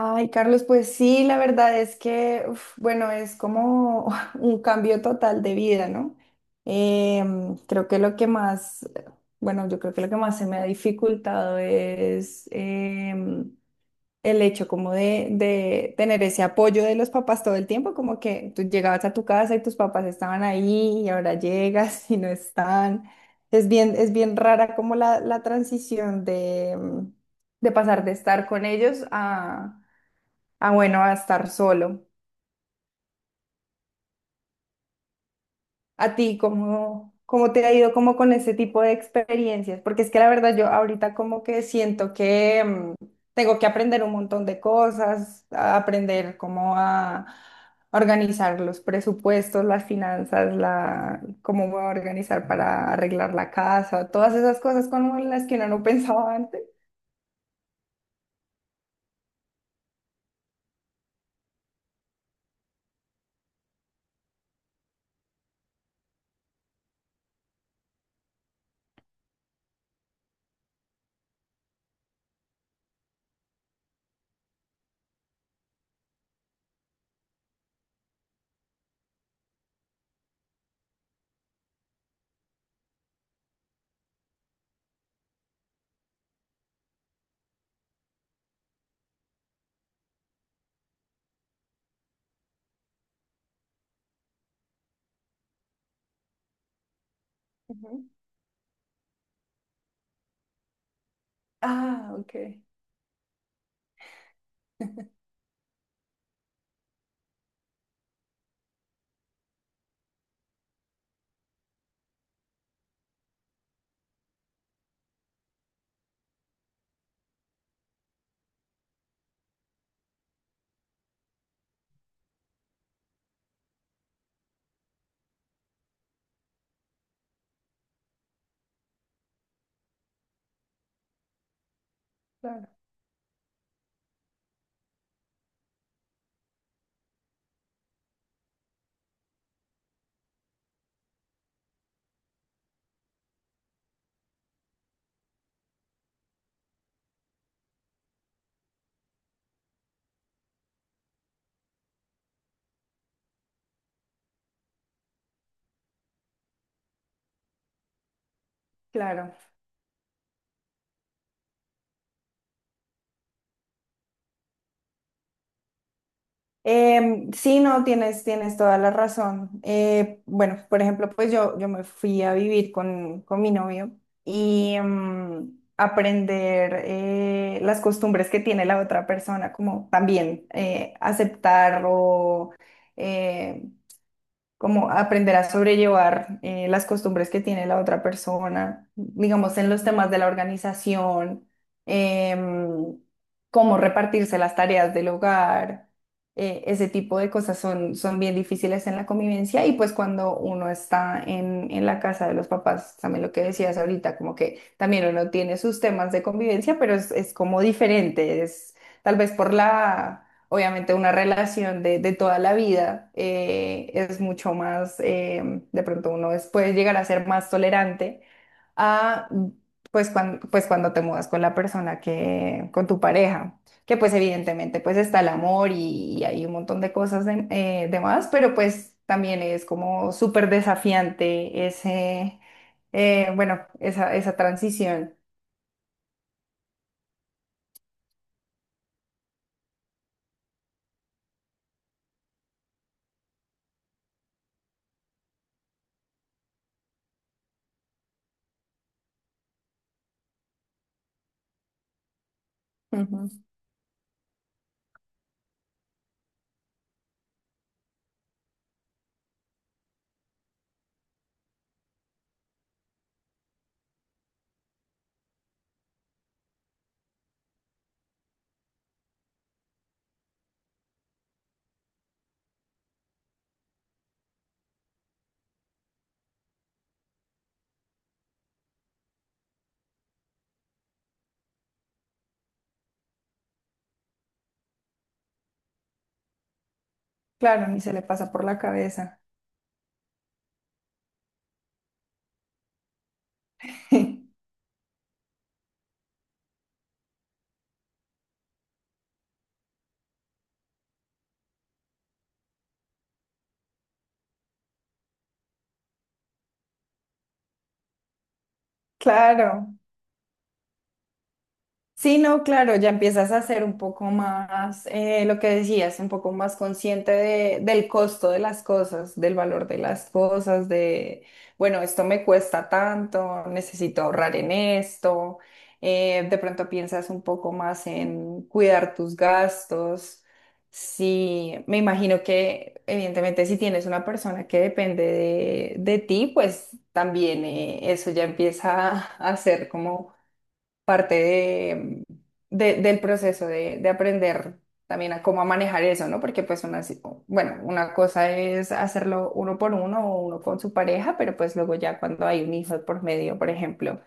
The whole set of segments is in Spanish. Ay, Carlos, pues sí, la verdad es que, uf, bueno, es como un cambio total de vida, ¿no? Creo que lo que más, bueno, yo creo que lo que más se me ha dificultado es el hecho como de tener ese apoyo de los papás todo el tiempo, como que tú llegabas a tu casa y tus papás estaban ahí y ahora llegas y no están. Es bien rara como la transición de, de pasar de estar con ellos a bueno, a estar solo. ¿A ti cómo, cómo te ha ido como con ese tipo de experiencias? Porque es que la verdad yo ahorita como que siento que tengo que aprender un montón de cosas, a aprender cómo a organizar los presupuestos, las finanzas, la, cómo voy a organizar para arreglar la casa, todas esas cosas como las que uno no pensaba antes. Ujú. Ah, ok, claro, claro. Sí, no, tienes, tienes toda la razón. Bueno, por ejemplo, pues yo me fui a vivir con mi novio y aprender las costumbres que tiene la otra persona, como también aceptar o eh, como aprender a sobrellevar las costumbres que tiene la otra persona, digamos, en los temas de la organización, em, cómo repartirse las tareas del hogar, ese tipo de cosas son, son bien difíciles en la convivencia y pues cuando uno está en la casa de los papás, también lo que decías ahorita, como que también uno tiene sus temas de convivencia, pero es como diferente, es tal vez por la. Obviamente una relación de toda la vida es mucho más, de pronto uno puede llegar a ser más tolerante a, pues, pues cuando te mudas con la persona que, con tu pareja, que pues evidentemente pues está el amor y hay un montón de cosas de más, pero pues también es como súper desafiante ese, bueno, esa transición. Ujú. Claro, ni se le pasa por la cabeza. Claro. Sí, no, claro, ya empiezas a ser un poco más, lo que decías, un poco más consciente del costo de las cosas, del valor de las cosas, de, bueno, esto me cuesta tanto, necesito ahorrar en esto, de pronto piensas un poco más en cuidar tus gastos. Sí, me imagino que evidentemente si tienes una persona que depende de ti, pues también eso ya empieza a ser como parte de, del proceso de aprender también a cómo a manejar eso, ¿no? Porque pues una, bueno, una cosa es hacerlo uno por uno o uno con su pareja, pero pues luego ya cuando hay un hijo por medio, por ejemplo,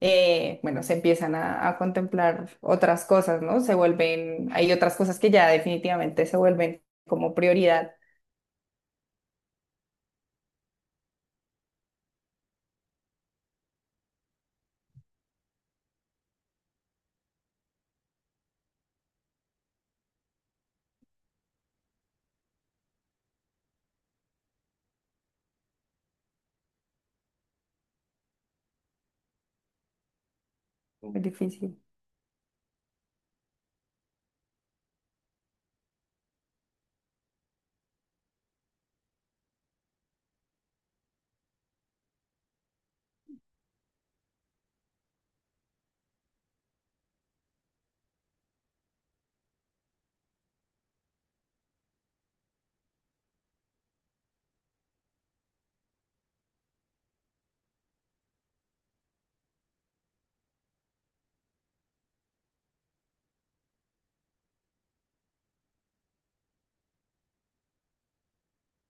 bueno, se empiezan a contemplar otras cosas, ¿no? Se vuelven, hay otras cosas que ya definitivamente se vuelven como prioridad. Muy difícil.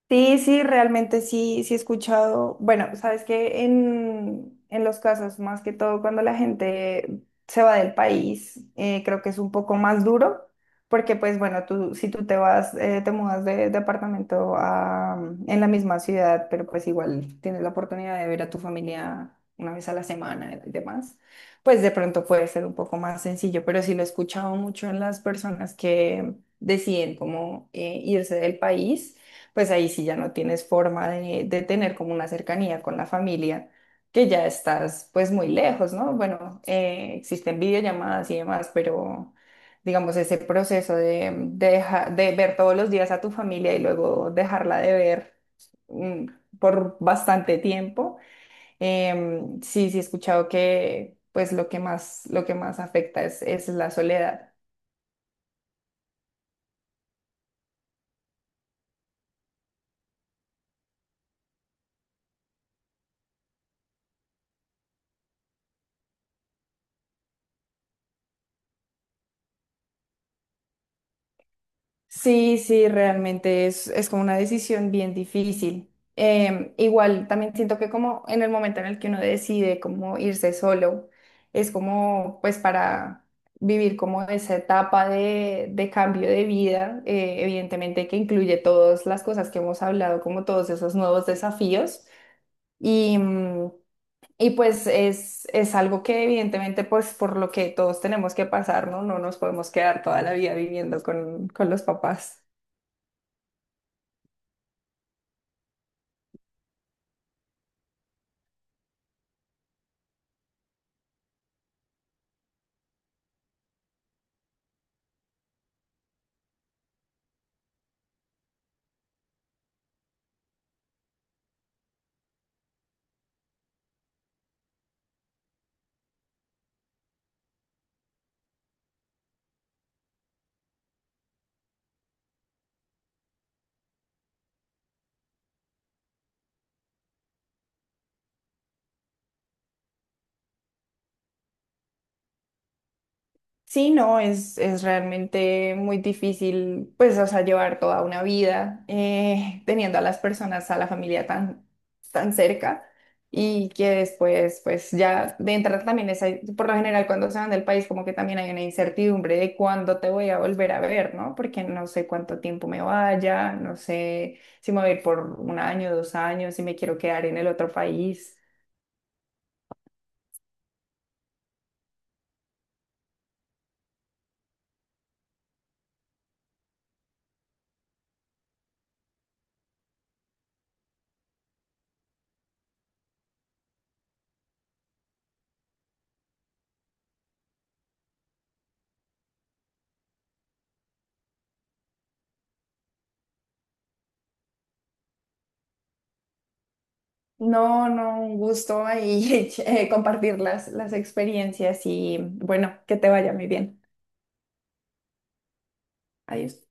Sí, sí, realmente sí, sí he escuchado. Bueno, sabes que en los casos, más que todo cuando la gente se va del país, creo que es un poco más duro, porque pues bueno, tú, si tú te vas, te mudas de departamento a, en la misma ciudad, pero pues igual tienes la oportunidad de ver a tu familia una vez a la semana y demás, pues de pronto puede ser un poco más sencillo, pero sí lo he escuchado mucho en las personas que deciden como irse del país, pues ahí sí ya no tienes forma de tener como una cercanía con la familia, que ya estás pues muy lejos, ¿no? Bueno, existen videollamadas y demás, pero digamos ese proceso de, de ver todos los días a tu familia y luego dejarla de ver mm, por bastante tiempo, sí, sí he escuchado que pues lo que más afecta es la soledad. Sí, sí, realmente es como una decisión bien difícil. Igual también siento que como en el momento en el que uno decide como irse solo, es como pues para vivir como esa etapa de cambio de vida, evidentemente que incluye todas las cosas que hemos hablado, como todos esos nuevos desafíos. Y, y pues es algo que evidentemente pues por lo que todos tenemos que pasar, ¿no? No nos podemos quedar toda la vida viviendo con los papás. Sí, no, es realmente muy difícil, pues, o sea, llevar toda una vida teniendo a las personas, a la familia tan, tan cerca y que después, pues, ya de entrada también es, por lo general, cuando se van del país, como que también hay una incertidumbre de cuándo te voy a volver a ver, ¿no? Porque no sé cuánto tiempo me vaya, no sé si me voy a ir por 1 año, 2 años, si me quiero quedar en el otro país. No, no, un gusto ahí compartir las experiencias y bueno, que te vaya muy bien. Adiós.